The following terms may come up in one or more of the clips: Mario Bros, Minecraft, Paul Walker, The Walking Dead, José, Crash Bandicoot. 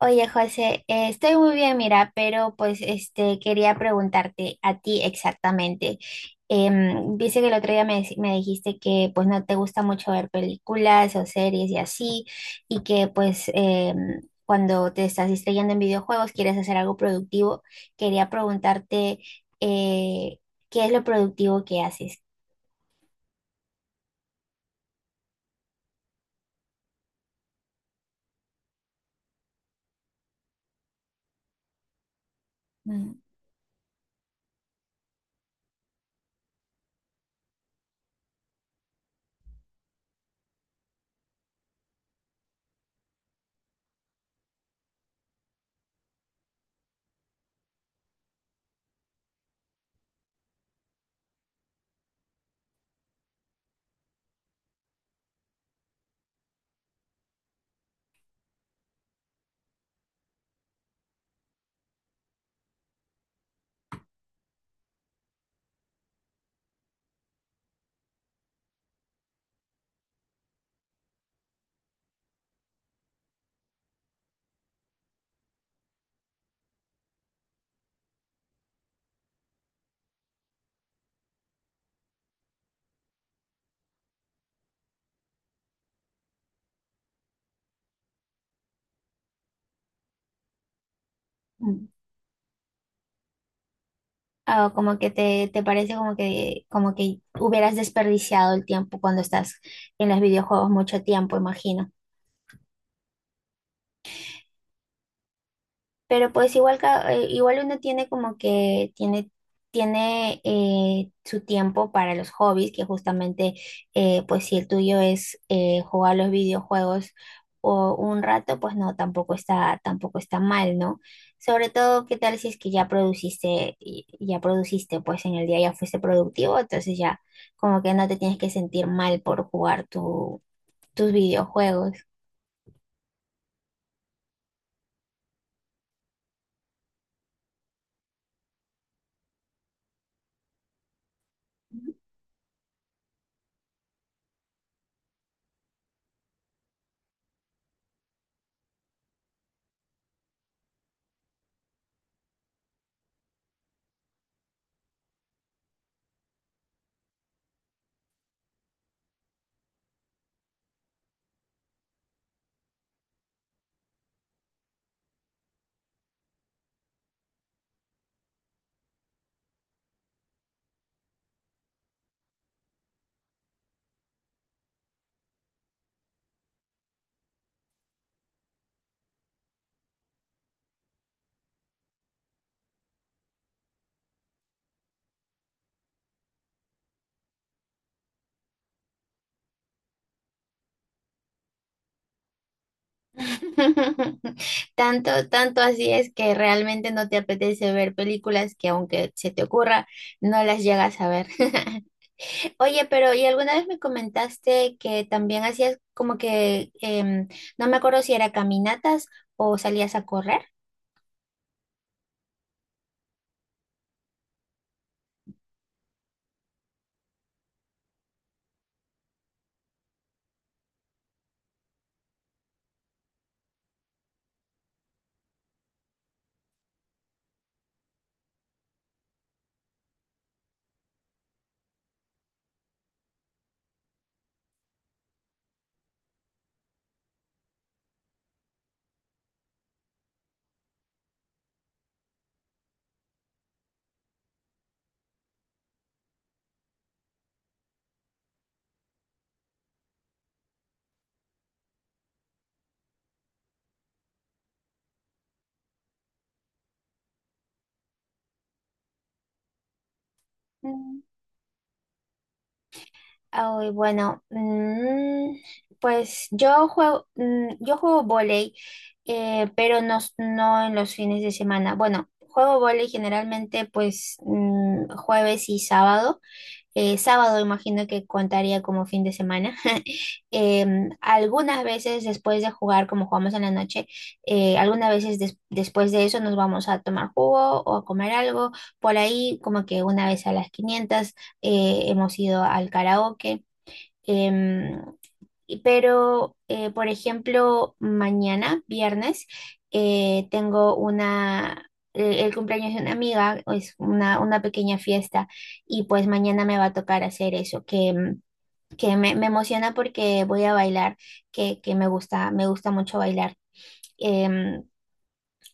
Oye, José, estoy muy bien, mira, pero pues este quería preguntarte a ti exactamente. Dice que el otro día me dijiste que pues no te gusta mucho ver películas o series y así, y que pues cuando te estás distrayendo en videojuegos quieres hacer algo productivo. Quería preguntarte eh, ¿qué es lo productivo que haces? Mm. Ah, o como que te parece como que hubieras desperdiciado el tiempo cuando estás en los videojuegos mucho tiempo, imagino. Pero pues igual, igual uno tiene como que tiene su tiempo para los hobbies, que justamente pues si el tuyo es jugar los videojuegos o un rato, pues no, tampoco está mal, ¿no? Sobre todo, ¿qué tal si es que ya produciste, pues en el día ya fuiste productivo, entonces ya como que no te tienes que sentir mal por jugar tus videojuegos. Tanto, tanto así es que realmente no te apetece ver películas que aunque se te ocurra, no las llegas a ver. Oye, pero ¿y alguna vez me comentaste que también hacías como que, em, no me acuerdo si era caminatas o salías a correr? Ay, bueno, pues yo juego vóley, pero no, no en los fines de semana. Bueno, juego vóley generalmente pues jueves y sábado. Sábado imagino que contaría como fin de semana. Algunas veces después de jugar, como jugamos en la noche, algunas veces después de eso nos vamos a tomar jugo o a comer algo. Por ahí como que una vez a las 500 hemos ido al karaoke. Em, pero, por ejemplo, mañana, viernes, tengo una, el cumpleaños de una amiga, es una pequeña fiesta y pues mañana me va a tocar hacer eso, que, mm, que me emociona porque voy a bailar, que me gusta mucho bailar. Em,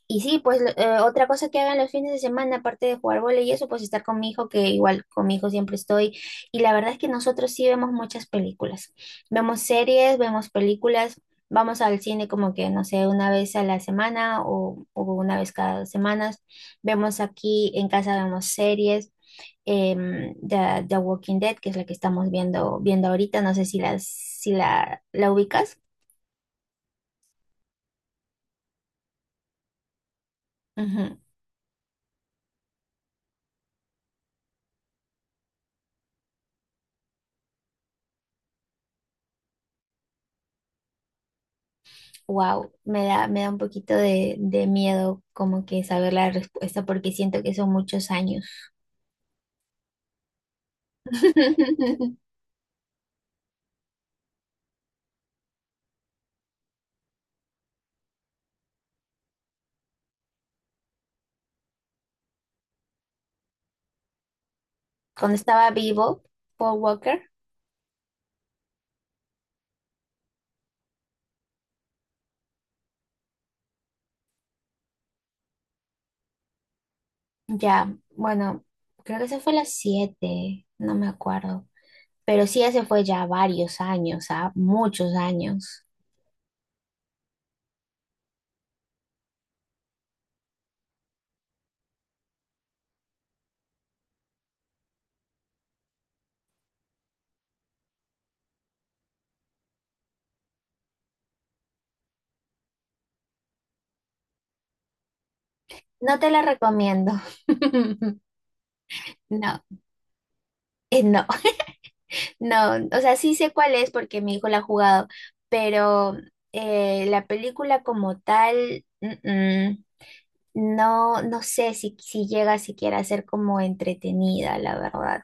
y sí, pues otra cosa que hagan los fines de semana, aparte de jugar vóley y eso, pues estar con mi hijo, que igual con mi hijo siempre estoy. Y la verdad es que nosotros sí vemos muchas películas. Vemos series, vemos películas, vamos al cine como que, no sé, una vez a la semana o una vez cada 2 semanas. Vemos aquí en casa, vemos series. The Walking Dead, que es la que estamos viendo ahorita, no sé si la ubicas. Ujú. Wow, me da un poquito de miedo como que saber la respuesta porque siento que son muchos años. Cuando estaba vivo, Paul Walker, ya, bueno, creo que se fue a las 7, no me acuerdo. Pero sí, ese fue ya varios años, ¿ah? Muchos años. No te la recomiendo. No, no, no, o sea, sí sé cuál es porque mi hijo la ha jugado, pero la película como tal, mm, mm. No, no sé si llega siquiera a ser como entretenida, la verdad.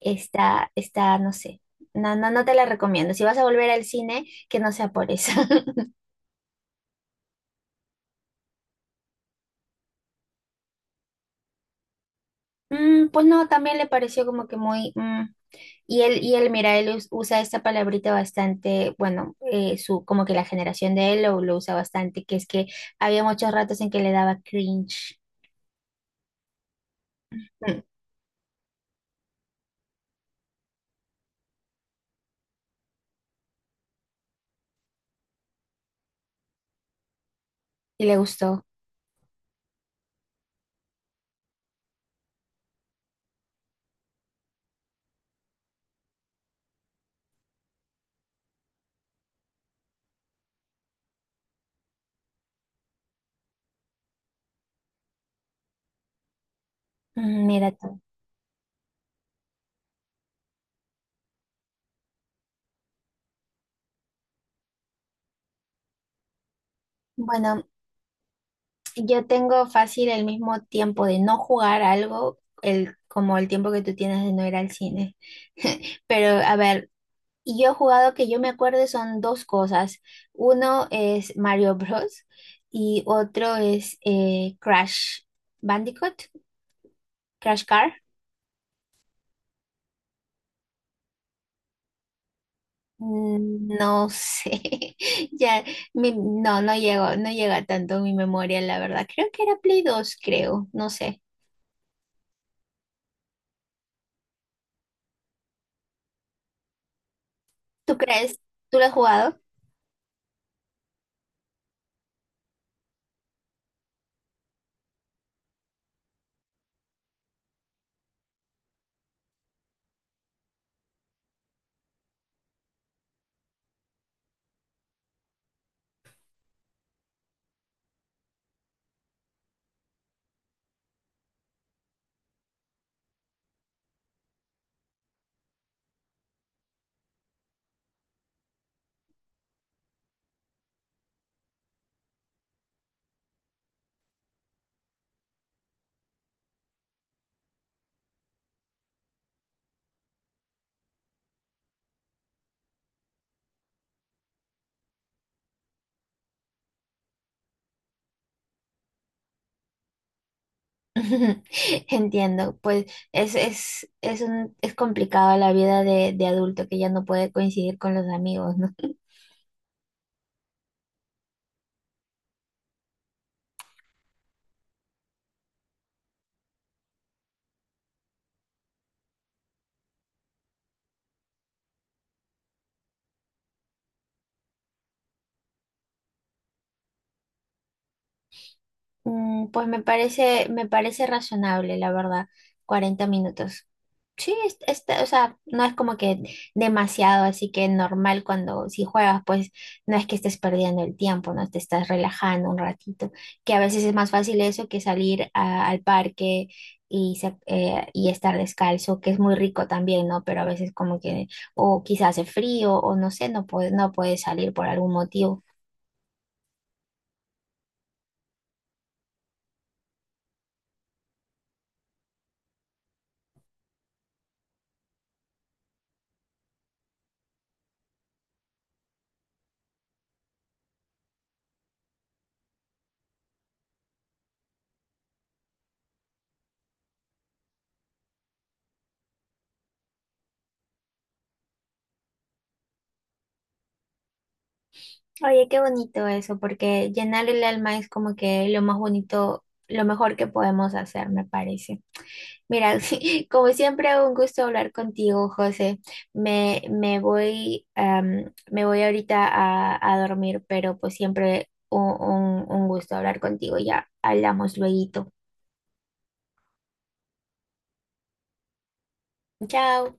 Está, no sé. No, no, no te la recomiendo. Si vas a volver al cine, que no sea por eso. Pues no, también le pareció como que muy, mm. Y él, mira, él usa esta palabrita bastante, bueno, como que la generación de él lo usa bastante, que es que había muchos ratos en que le daba cringe. Mm, y le gustó. Mm, mira tú. Bueno, yo tengo fácil el mismo tiempo de no jugar algo, como el tiempo que tú tienes de no ir al cine. Pero a ver, yo he jugado que yo me acuerdo son dos cosas. Uno es Mario Bros. Y otro es Crash Bandicoot, Crash Car. Mm, no sé, ya, no, no llega tanto mi memoria, la verdad. Creo que era Play 2 creo, no sé. ¿Tú crees? ¿Tú lo has jugado? Entiendo, pues es complicado la vida de adulto que ya no puede coincidir con los amigos, ¿no? Pues me parece razonable, la verdad, 40 minutos. Sí, está, o sea, no es como que demasiado, así que normal cuando si juegas, pues no es que estés perdiendo el tiempo, no te estás relajando un ratito, que a veces es más fácil eso que salir al parque y estar descalzo, que es muy rico también, ¿no? Pero a veces como que, o quizás hace frío, o no sé, no puedes salir por algún motivo. Oye, qué bonito eso, porque llenar el alma es como que lo más bonito, lo mejor que podemos hacer, me parece. Mira, como siempre, un gusto hablar contigo, José. Me voy ahorita a dormir, pero pues siempre un gusto hablar contigo. Ya hablamos luego. Chao.